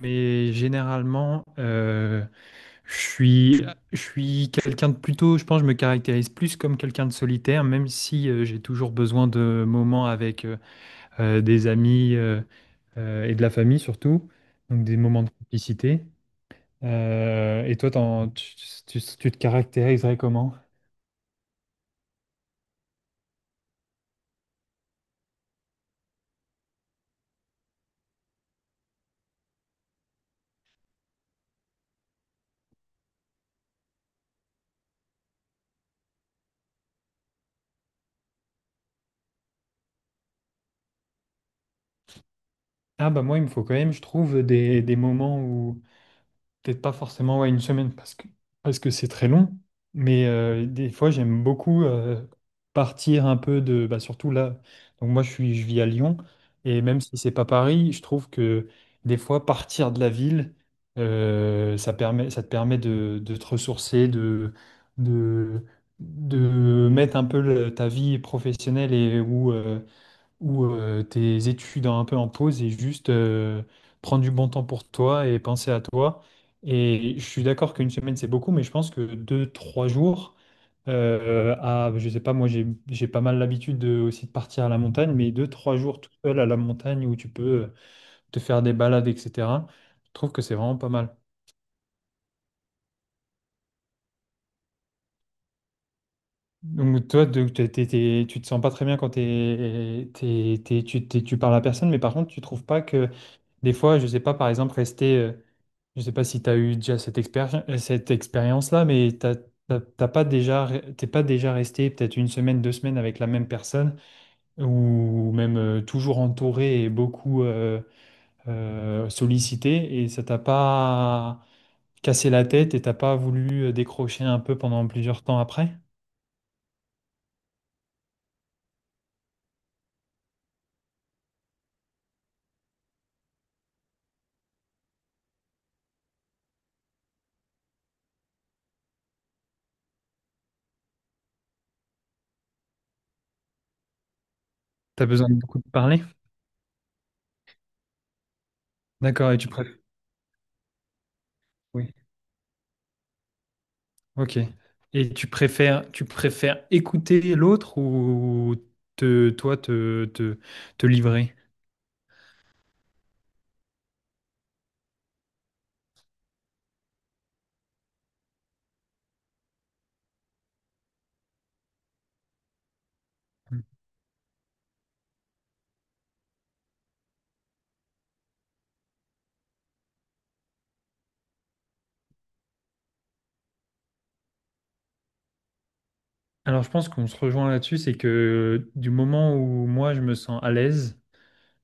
Mais généralement, je suis, je suis quelqu'un de plutôt, je pense, je me caractérise plus comme quelqu'un de solitaire, même si j'ai toujours besoin de moments avec des amis et de la famille surtout, donc des moments de complicité. Et toi, tu te caractériserais comment? Ah bah moi, il me faut quand même, je trouve, des moments où, peut-être pas forcément, ouais, 1 semaine parce que c'est très long, mais des fois j'aime beaucoup partir un peu de, bah, surtout là. Donc moi je vis à Lyon, et même si c'est pas Paris, je trouve que des fois partir de la ville ça te permet de te ressourcer, de de mettre un peu ta vie professionnelle, et ou tes études un peu en pause, et juste prendre du bon temps pour toi et penser à toi. Et je suis d'accord qu'1 semaine, c'est beaucoup, mais je pense que 2, 3 jours, à, je sais pas, moi j'ai pas mal l'habitude de, aussi de partir à la montagne, mais 2, 3 jours tout seul à la montagne où tu peux te faire des balades, etc. Je trouve que c'est vraiment pas mal. Donc toi, tu te sens pas très bien quand tu parles à personne, mais par contre, tu trouves pas que... Des fois, je sais pas, par exemple, rester, je sais pas si tu as eu déjà cette expérience-là, mais t'as pas déjà, t'es pas déjà resté peut-être 1 semaine, 2 semaines avec la même personne, ou même toujours entouré et beaucoup sollicité, et ça t'a pas cassé la tête et t'as pas voulu décrocher un peu pendant plusieurs temps après? T'as besoin de beaucoup de parler? D'accord, et tu préfères. Ok. Et tu préfères écouter l'autre ou te, toi te, te, te livrer? Alors je pense qu'on se rejoint là-dessus, c'est que du moment où moi je me sens à l'aise,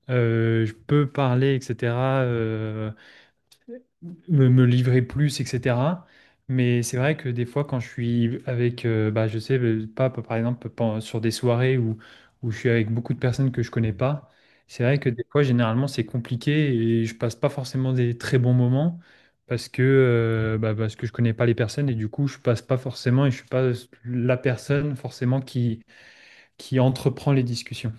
je peux parler, etc. euh, me livrer plus, etc. Mais c'est vrai que des fois, quand je suis avec, bah, je sais pas, par exemple, sur des soirées où, où je suis avec beaucoup de personnes que je connais pas, c'est vrai que des fois, généralement, c'est compliqué et je passe pas forcément des très bons moments parce que, bah, parce que je connais pas les personnes, et du coup, je passe pas forcément, et je suis pas la personne forcément qui entreprend les discussions.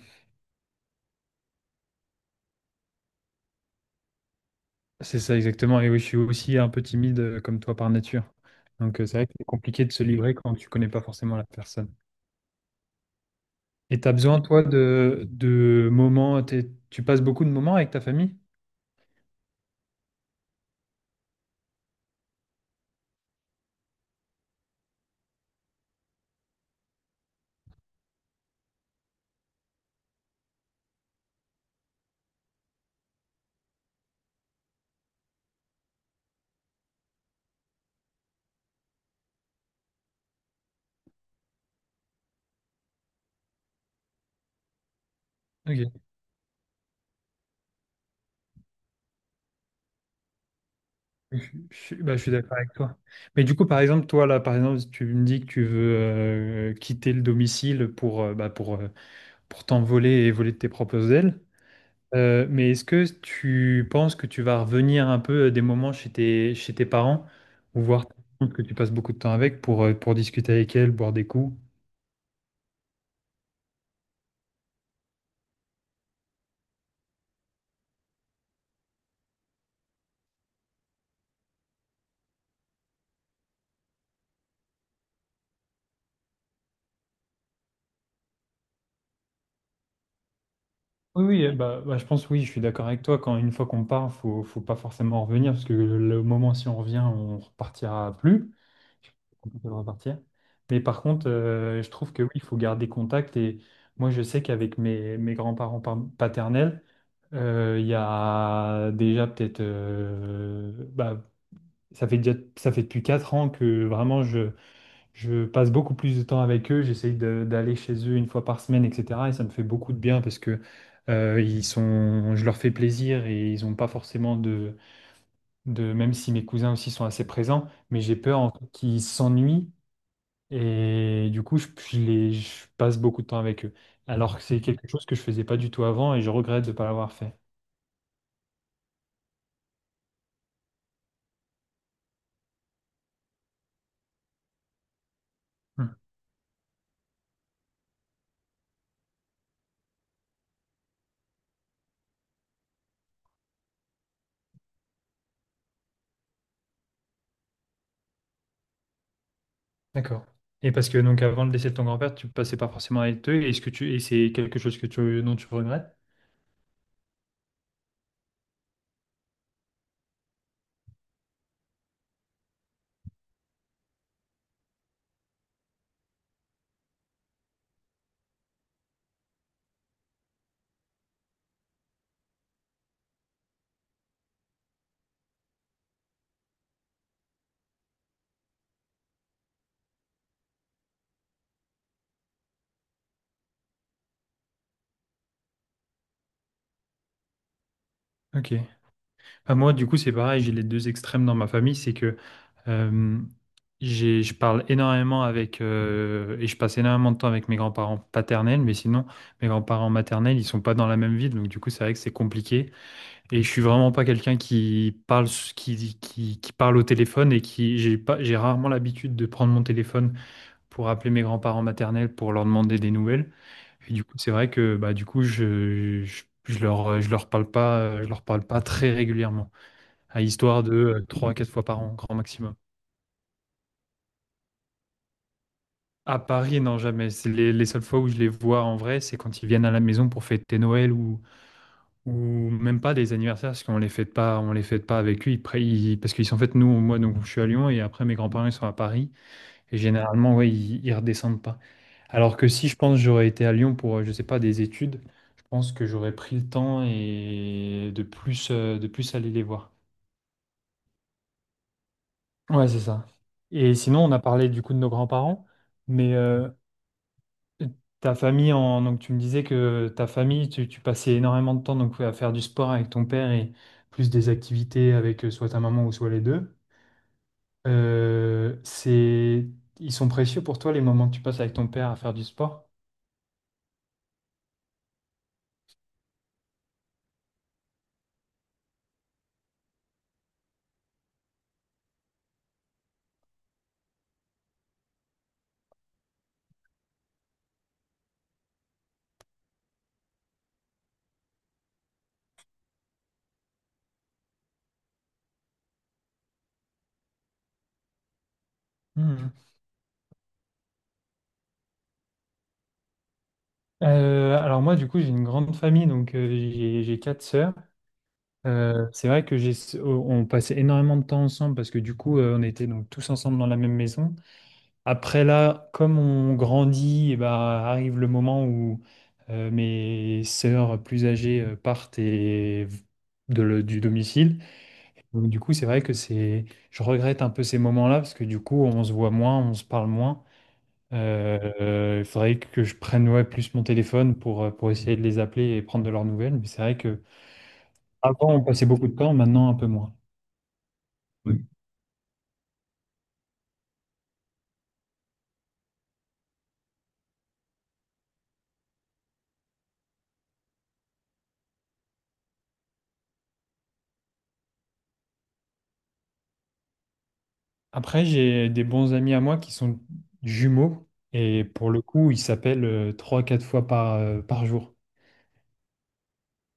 C'est ça exactement. Et oui, je suis aussi un peu timide comme toi par nature. Donc c'est vrai que c'est compliqué de se livrer quand tu connais pas forcément la personne. Et tu as besoin, toi, de moments, tu passes beaucoup de moments avec ta famille? Ok, je, bah, je suis d'accord avec toi. Mais du coup, par exemple, toi, là, par exemple, tu me dis que tu veux quitter le domicile pour, bah, pour t'envoler et voler de tes propres ailes. Mais est-ce que tu penses que tu vas revenir un peu des moments chez chez tes parents, ou voir ta tante que tu passes beaucoup de temps avec, pour discuter avec elle, boire des coups? Oui, oui, je pense, oui, je suis d'accord avec toi. Quand une fois qu'on part, faut pas forcément revenir, parce que le moment si on revient, on repartira plus. C'est compliqué de repartir. Mais par contre, je trouve que oui, il faut garder contact. Et moi, je sais qu'avec mes grands-parents paternels, il y a déjà peut-être bah, ça fait déjà, ça fait depuis 4 ans que vraiment je passe beaucoup plus de temps avec eux. D'aller chez eux 1 fois par semaine, etc. Et ça me fait beaucoup de bien parce que ils sont, je leur fais plaisir, et ils n'ont pas forcément de, même si mes cousins aussi sont assez présents, mais j'ai peur, en fait, qu'ils s'ennuient, et du coup je passe beaucoup de temps avec eux. Alors que c'est quelque chose que je faisais pas du tout avant, et je regrette de ne pas l'avoir fait. D'accord. Et parce que donc avant le décès de ton grand-père, tu passais pas forcément avec eux. Est-ce que tu... et c'est quelque chose que tu... dont tu regrettes? Ok. Bah, moi, du coup, c'est pareil. J'ai les deux extrêmes dans ma famille. C'est que euh, je parle énormément avec et je passe énormément de temps avec mes grands-parents paternels, mais sinon, mes grands-parents maternels, ils sont pas dans la même ville. Donc du coup, c'est vrai que c'est compliqué. Et je suis vraiment pas quelqu'un qui parle, qui parle au téléphone, et qui... j'ai pas... j'ai rarement l'habitude de prendre mon téléphone pour appeler mes grands-parents maternels pour leur demander des nouvelles. Et du coup, c'est vrai que, bah, du coup, je leur parle pas, je leur parle pas très régulièrement, à histoire de trois 3-4 fois par an, grand maximum. À Paris, non, jamais. C'est les seules fois où je les vois en vrai, c'est quand ils viennent à la maison pour fêter Noël, ou même pas des anniversaires, parce qu'on les fête pas, on les fête pas avec eux. Parce qu'ils sont en fait nous, moi, donc je suis à Lyon, et après mes grands-parents ils sont à Paris. Et généralement, ouais, ils redescendent pas. Alors que si je pense j'aurais été à Lyon pour, je sais pas, des études, je pense que j'aurais pris le temps, et de plus aller les voir. Ouais, c'est ça. Et sinon, on a parlé du coup de nos grands-parents, mais ta famille, en... donc tu me disais que ta famille, tu passais énormément de temps, donc, à faire du sport avec ton père, et plus des activités avec soit ta maman, ou soit les deux. C'est... Ils sont précieux pour toi les moments que tu passes avec ton père à faire du sport? Alors moi, du coup, j'ai une grande famille, donc j'ai 4 sœurs. C'est vrai que j'ai, on passait énormément de temps ensemble parce que du coup, on était donc tous ensemble dans la même maison. Après là, comme on grandit, eh ben, arrive le moment où mes sœurs plus âgées partent et du domicile. Donc du coup, c'est vrai que c'est, je regrette un peu ces moments-là, parce que du coup, on se voit moins, on se parle moins. Il faudrait que je prenne, ouais, plus mon téléphone pour essayer de les appeler et prendre de leurs nouvelles. Mais c'est vrai que avant on passait beaucoup de temps, maintenant un peu moins. Oui. Après, j'ai des bons amis à moi qui sont jumeaux, et pour le coup, ils s'appellent 3 4 fois par, par jour.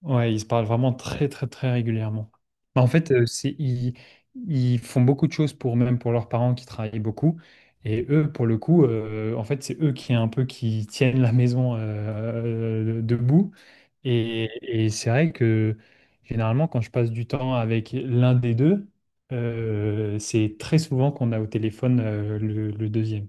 Ouais, ils se parlent vraiment très très très régulièrement. Bah, en fait, ils font beaucoup de choses pour, même pour leurs parents qui travaillent beaucoup. Et eux, pour le coup, en fait, c'est eux qui un peu qui tiennent la maison debout. Et, et c'est vrai que généralement, quand je passe du temps avec l'un des deux, c'est très souvent qu'on a au téléphone le deuxième.